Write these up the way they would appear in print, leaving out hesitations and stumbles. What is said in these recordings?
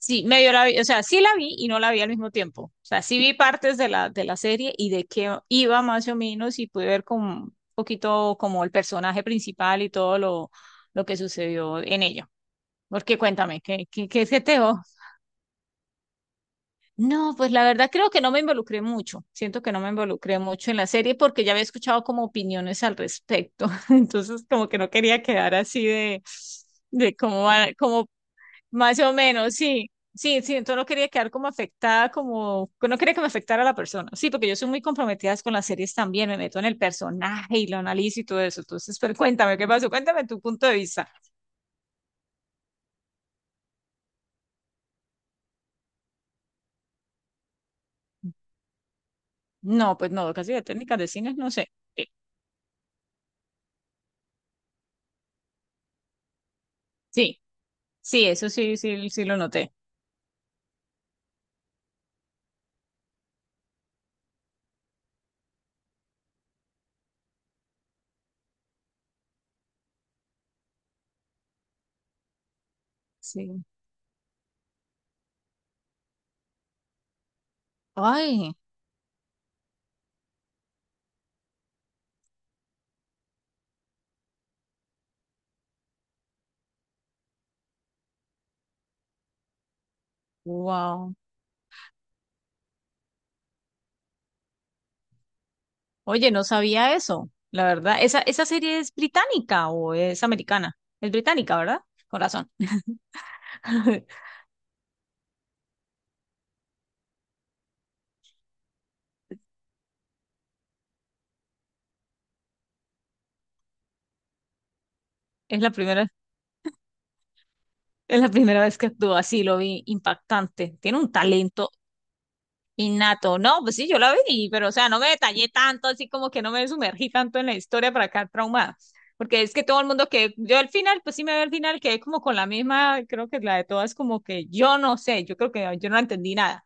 Sí, medio la vi, o sea, sí la vi y no la vi al mismo tiempo. O sea, sí vi partes de la serie y de qué iba más o menos y pude ver como un poquito como el personaje principal y todo lo que sucedió en ella. Porque cuéntame, ¿qué se te dejó? No, pues la verdad creo que no me involucré mucho. Siento que no me involucré mucho en la serie porque ya había escuchado como opiniones al respecto. Entonces, como que no quería quedar así de cómo, cómo más o menos, sí. Sí, entonces no quería quedar como afectada, como no quería que me afectara la persona. Sí, porque yo soy muy comprometida con las series también, me meto en el personaje y lo analizo y todo eso. Entonces, pero cuéntame, ¿qué pasó? Cuéntame tu punto de vista. No, pues no, casi de técnicas de cine, no sé. Eh, Sí, sí, eso sí, sí lo noté. Sí. Ay, wow. Oye, no sabía eso, la verdad. ¿Esa serie es británica o es americana? Es británica, ¿verdad? Con razón. Es la primera. Es la primera vez que actuó así, lo vi impactante. Tiene un talento innato. No, pues sí, yo la vi, pero o sea, no me detallé tanto, así como que no me sumergí tanto en la historia para acá traumada. Porque es que todo el mundo que yo al final, pues sí me veo al final, quedé como con la misma, creo que la de todas, como que yo no sé, yo creo que yo no entendí nada.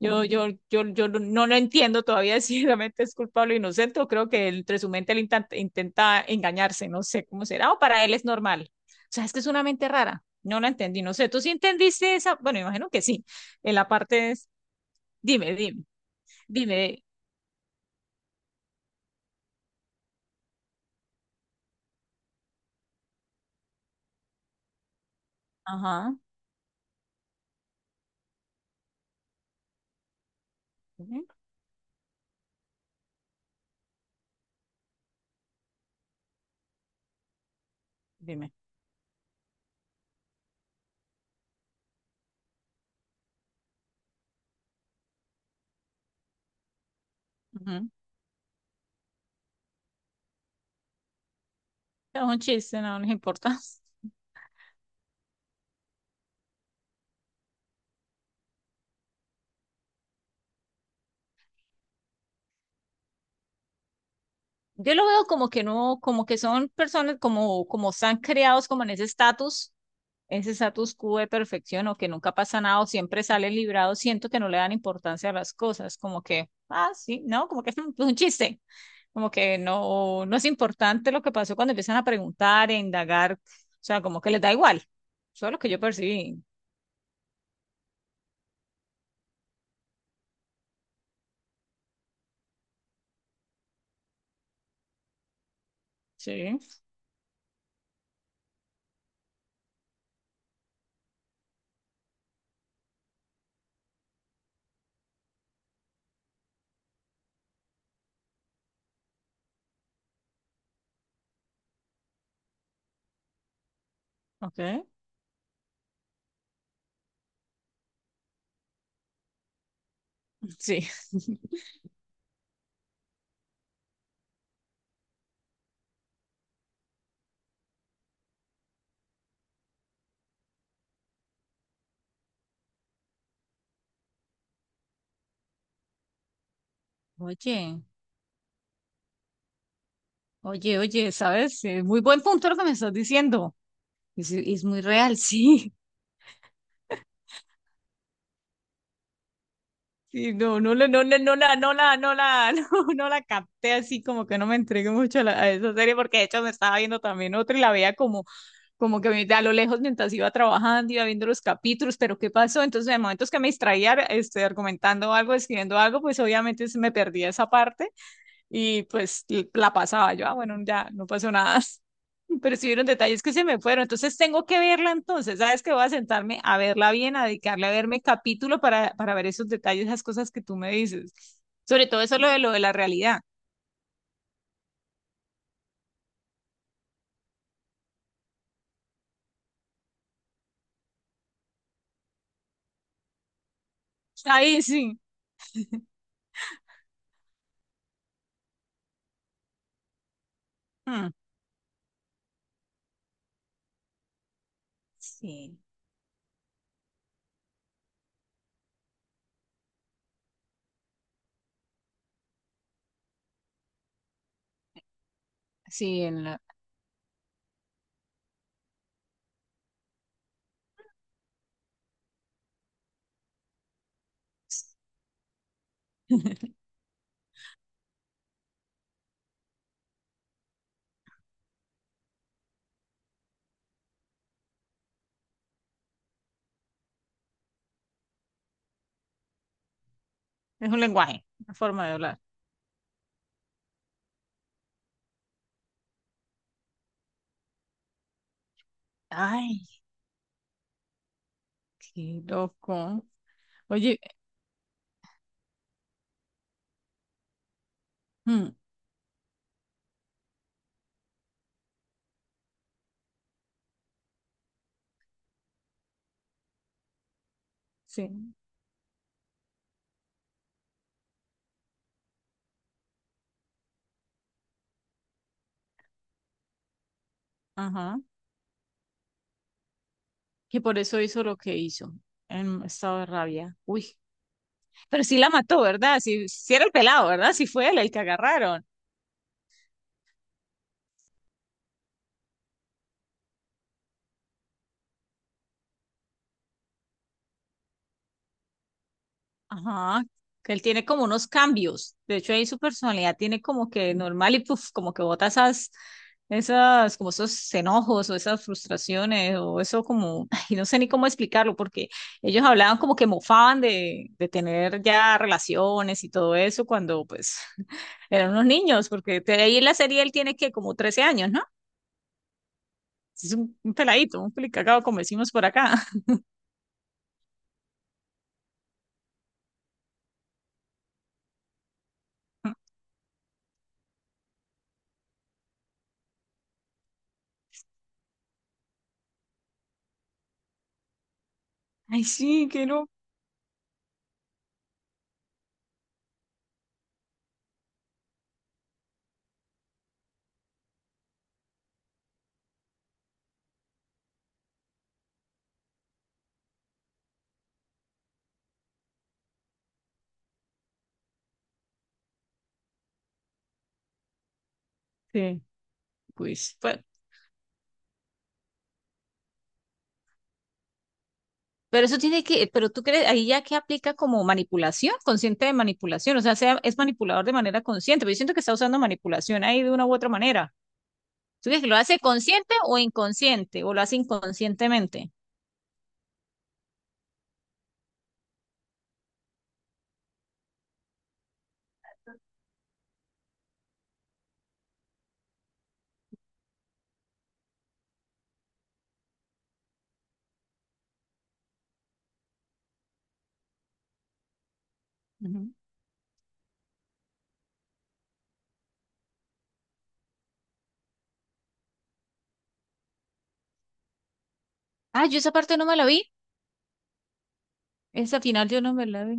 Yo no lo entiendo todavía si realmente es culpable o inocente, o creo que entre su mente él intenta engañarse, no sé cómo será, o para él es normal. O sea, es que es una mente rara, no la entendí, no sé, ¿tú sí entendiste esa? Bueno, imagino que sí, en la parte es, dime, dime, ajá, ujú, dime, ujú. Es un chiste, no nos importa. Yo lo veo como que no, como que son personas como, como están creados como en ese estatus, ese status quo de perfección o que nunca pasa nada o siempre salen librados, siento que no le dan importancia a las cosas, como que, ah, sí, no, como que es un chiste, como que no, no es importante lo que pasó cuando empiezan a preguntar, a indagar, o sea, como que les da igual, eso es lo que yo percibí, sí, ok, sí. Oye, oye, oye, ¿sabes? Muy buen punto lo que me estás diciendo. Es muy real, sí. Sí, no, no, no, no, la, no, la, no, la, no, no la capté así, como que no me entregué mucho a, a esa serie, porque de hecho me estaba viendo también otra y la veía como, como que a lo lejos mientras iba trabajando, iba viendo los capítulos, pero ¿qué pasó? Entonces, en momentos que me distraía, este, argumentando algo, escribiendo algo, pues obviamente se me perdía esa parte y pues la pasaba yo, ah, bueno, ya no pasó nada, pero sí vieron detalles que se me fueron, entonces tengo que verla entonces, ¿sabes que voy a sentarme a verla bien, a dedicarle a verme capítulo para ver esos detalles, esas cosas que tú me dices, sobre todo eso lo de la realidad, ahí sí, Mm, sí, sí, es un lenguaje, una forma de hablar. Ay, qué loco. Oye, mm, sí, ajá, que por eso hizo lo que hizo, en estado de rabia. Uy, pero sí la mató, ¿verdad? Si, si era el pelado, ¿verdad? Si fue él el que agarraron. Ajá. Que él tiene como unos cambios. De hecho, ahí su personalidad tiene como que normal y puff, como que bota esas, esas, como esos enojos o esas frustraciones o eso como, y no sé ni cómo explicarlo porque ellos hablaban como que mofaban de tener ya relaciones y todo eso cuando pues eran unos niños, porque de ahí en la serie él tiene que como 13 años, ¿no? Es un peladito, un pelicagado, como decimos por acá. Ay, sí, qué loco. Sí, pues, bueno. Pero eso tiene que, pero tú crees, ahí ya que aplica como manipulación, consciente de manipulación, o sea, es manipulador de manera consciente, pero yo siento que está usando manipulación ahí de una u otra manera. ¿Tú crees que lo hace consciente o inconsciente, o lo hace inconscientemente? Ujú. Ah, yo esa parte no me la vi. Esa final yo no me la vi.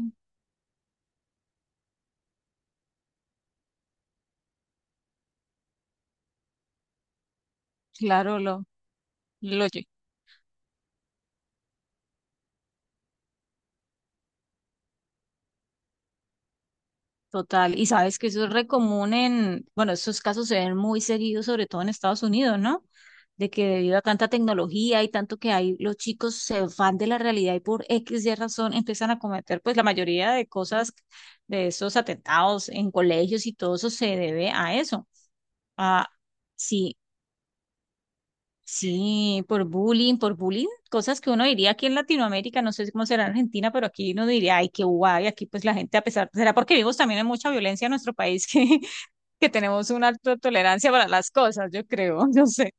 Claro, lo oye. Total. Y sabes que eso es re común en, bueno, esos casos se ven muy seguidos, sobre todo en Estados Unidos, ¿no? De que debido a tanta tecnología y tanto que hay, los chicos se van de la realidad y por X y razón empiezan a cometer, pues la mayoría de cosas, de esos atentados en colegios y todo eso se debe a eso. A, sí, sí, por bullying, cosas que uno diría aquí en Latinoamérica, no sé cómo será en Argentina, pero aquí uno diría, ay, qué guay, aquí pues la gente a pesar, será porque vivimos también en mucha violencia en nuestro país que, que tenemos una alta tolerancia para las cosas, yo creo, yo sé.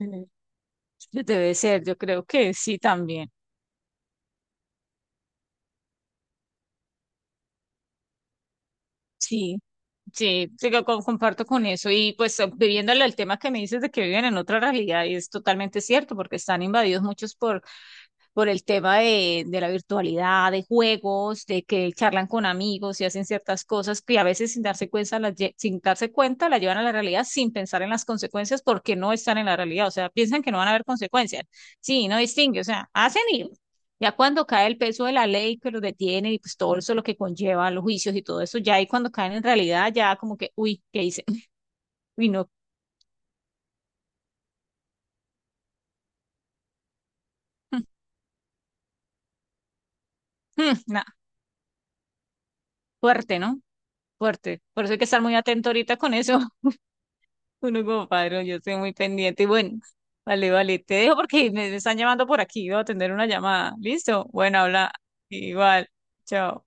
Ujú. Debe ser, yo creo que sí también. Sí, sí, sí, comparto con eso. Y pues viviéndolo el tema que me dices de que viven en otra realidad, y es totalmente cierto, porque están invadidos muchos por el tema de la virtualidad, de juegos, de que charlan con amigos y hacen ciertas cosas que a veces sin darse cuenta, sin darse cuenta, la llevan a la realidad sin pensar en las consecuencias porque no están en la realidad. O sea, piensan que no van a haber consecuencias. Sí, no distingue. O sea, hacen y ya cuando cae el peso de la ley que los detiene y pues todo eso lo que conlleva los juicios y todo eso, ya ahí cuando caen en realidad, ya como que, uy, ¿qué hice? Uy, no. Nah, fuerte, ¿no? Fuerte. Por eso hay que estar muy atento ahorita con eso. Uno como padre, yo estoy muy pendiente. Y bueno, vale, vale, te dejo porque me están llamando por aquí. Voy a atender una llamada. ¿Listo? Bueno, habla igual. Chao.